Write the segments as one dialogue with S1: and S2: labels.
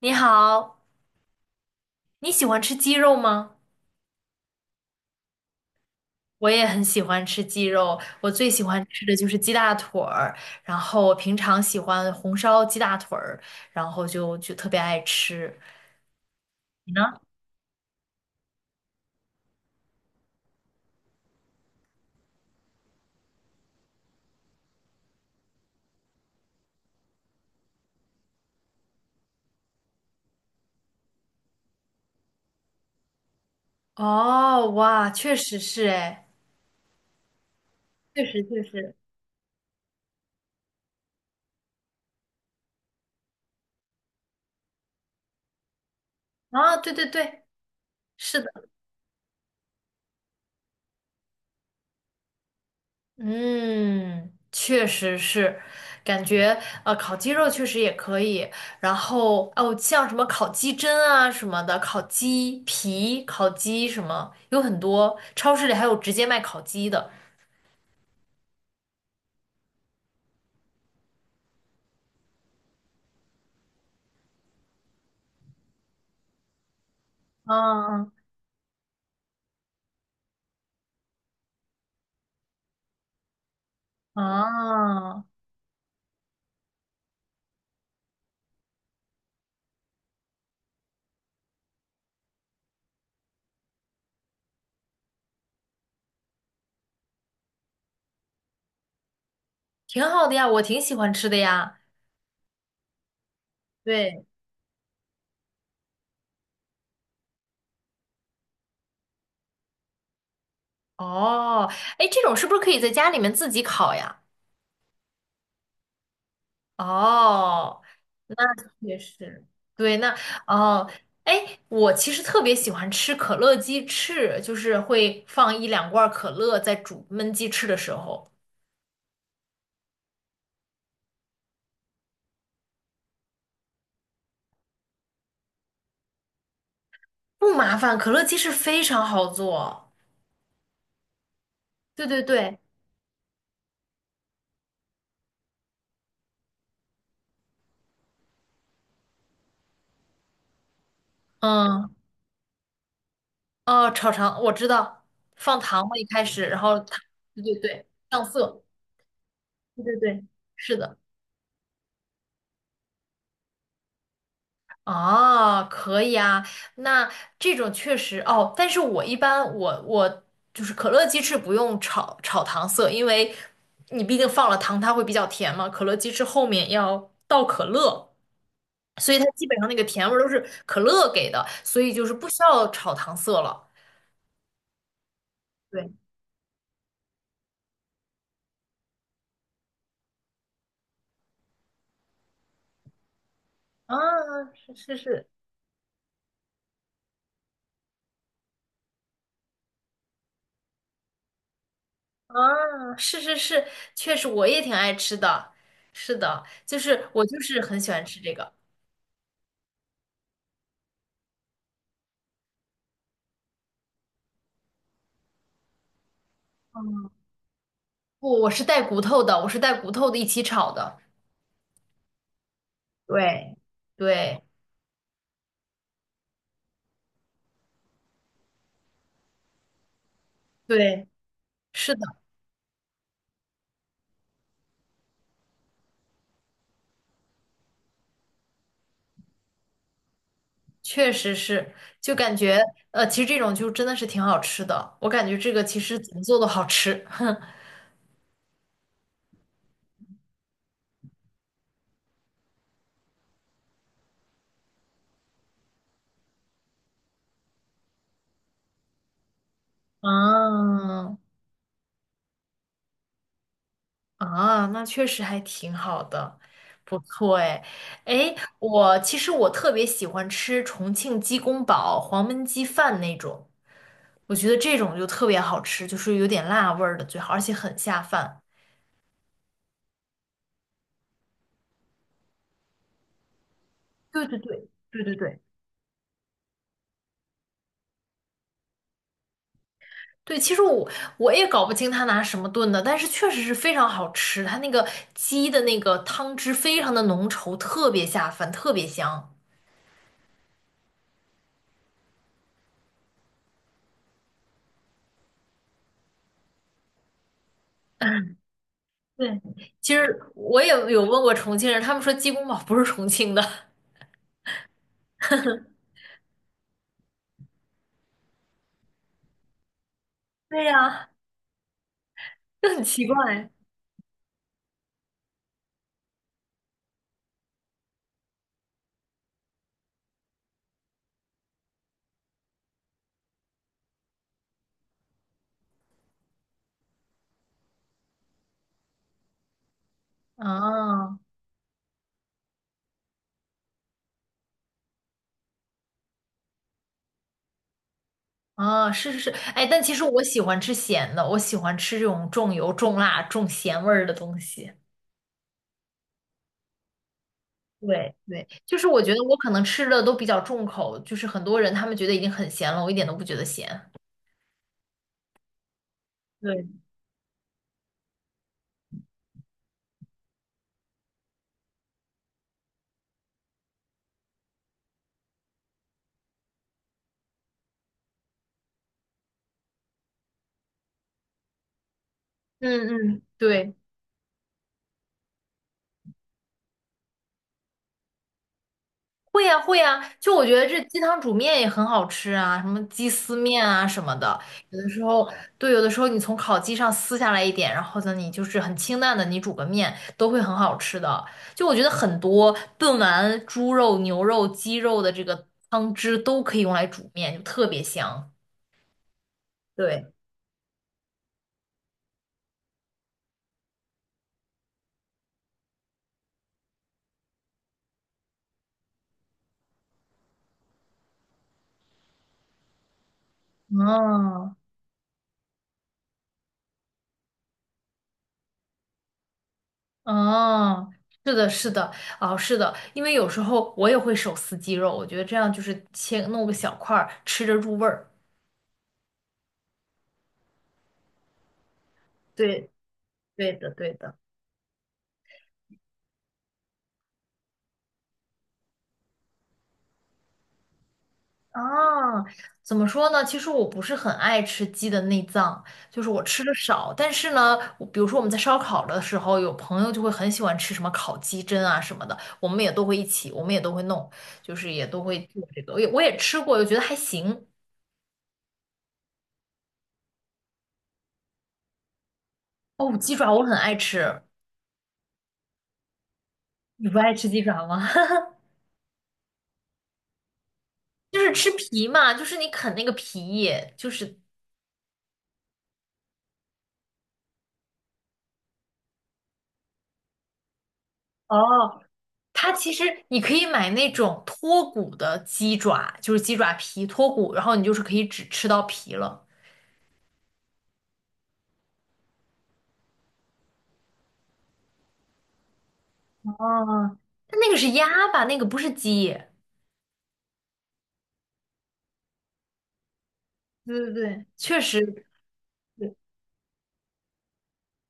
S1: 你好，你喜欢吃鸡肉吗？我也很喜欢吃鸡肉，我最喜欢吃的就是鸡大腿儿，然后我平常喜欢红烧鸡大腿儿，然后就特别爱吃。你呢？哦，哇，确实是哎，确实确实啊，对对对，是的。嗯，确实是，感觉烤鸡肉确实也可以，然后哦像什么烤鸡胗啊什么的，烤鸡皮、烤鸡什么，有很多超市里还有直接卖烤鸡的。嗯嗯，啊挺好的呀，我挺喜欢吃的呀。对，哦，哎，这种是不是可以在家里面自己烤呀？哦，那确实，对，那哦，哎，我其实特别喜欢吃可乐鸡翅，就是会放一两罐可乐在煮焖鸡翅的时候，不麻烦，可乐鸡翅非常好做。对对对，嗯，哦，炒肠我知道，放糖嘛一开始，然后它，对对对，上色，对对对，是的。哦，可以啊，那这种确实哦，但是我一般我就是可乐鸡翅不用炒糖色，因为你毕竟放了糖，它会比较甜嘛。可乐鸡翅后面要倒可乐，所以它基本上那个甜味儿都是可乐给的，所以就是不需要炒糖色了。对，啊，是是是，啊，是是是，确实我也挺爱吃的，是的，就是我就是很喜欢吃这个。不，我是带骨头的，我是带骨头的一起炒的。对，对，对，是的，确实是，就感觉其实这种就真的是挺好吃的。我感觉这个其实怎么做都好吃。啊啊，那确实还挺好的，不错哎。哎，我其实特别喜欢吃重庆鸡公煲、黄焖鸡饭那种，我觉得这种就特别好吃，就是有点辣味儿的最好，而且很下饭。对对对对对对。对，其实我也搞不清他拿什么炖的，但是确实是非常好吃，它那个鸡的那个汤汁非常的浓稠，特别下饭，特别香。对，其实我也有问过重庆人，他们说鸡公煲不是重庆的，对呀，就很奇怪。啊啊，是是是，哎，但其实我喜欢吃咸的，我喜欢吃这种重油、重辣、重咸味儿的东西。对对，就是我觉得我可能吃的都比较重口，就是很多人他们觉得已经很咸了，我一点都不觉得咸。对，嗯嗯，对，会呀、会呀、就我觉得这鸡汤煮面也很好吃啊，什么鸡丝面啊什么的，有的时候，对，有的时候你从烤鸡上撕下来一点，然后呢，你就是很清淡的，你煮个面都会很好吃的。就我觉得很多炖完猪肉、牛肉、鸡肉的这个汤汁都可以用来煮面，就特别香。对，嗯，哦，是的，是的，哦，是的，因为有时候我也会手撕鸡肉，我觉得这样就是切弄个小块儿，吃着入味儿。对，对的，对的。啊，怎么说呢？其实我不是很爱吃鸡的内脏，就是我吃的少。但是呢，我比如说我们在烧烤的时候，有朋友就会很喜欢吃什么烤鸡胗啊什么的，我们也都会一起，我们也都会弄，就是也都会做这个。我也吃过，我觉得还行。哦，鸡爪我很爱吃，你不爱吃鸡爪吗？就是吃皮嘛，就是你啃那个皮，就是哦，它其实你可以买那种脱骨的鸡爪，就是鸡爪皮脱骨，然后你就是可以只吃到皮了。哦，但那个是鸭吧，那个不是鸡，对对对，确实是。对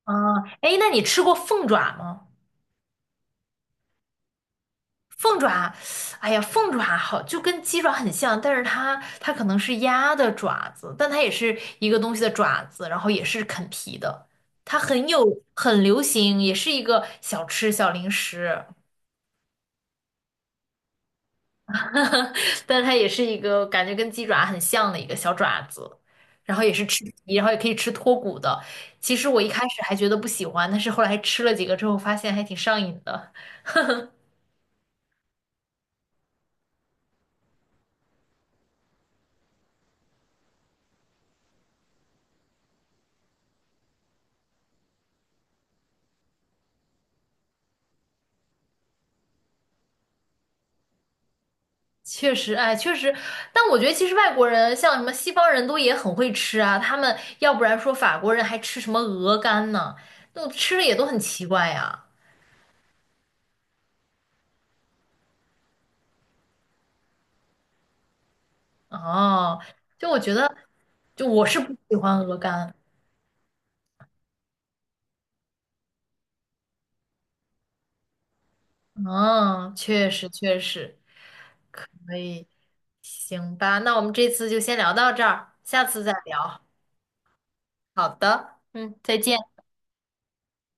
S1: 啊，哎，那你吃过凤爪吗？凤爪，哎呀，凤爪好，就跟鸡爪很像，但是它它可能是鸭的爪子，但它也是一个东西的爪子，然后也是啃皮的，它很有很流行，也是一个小吃小零食，但是它也是一个感觉跟鸡爪很像的一个小爪子，然后也是吃皮，然后也可以吃脱骨的。其实我一开始还觉得不喜欢，但是后来吃了几个之后，发现还挺上瘾的。确实，哎，确实，但我觉得其实外国人像什么西方人都也很会吃啊，他们要不然说法国人还吃什么鹅肝呢，那吃的也都很奇怪呀。哦，就我觉得，就我是不喜欢鹅肝。嗯，确实确实，所以行吧，那我们这次就先聊到这儿，下次再聊。好的，嗯，再见。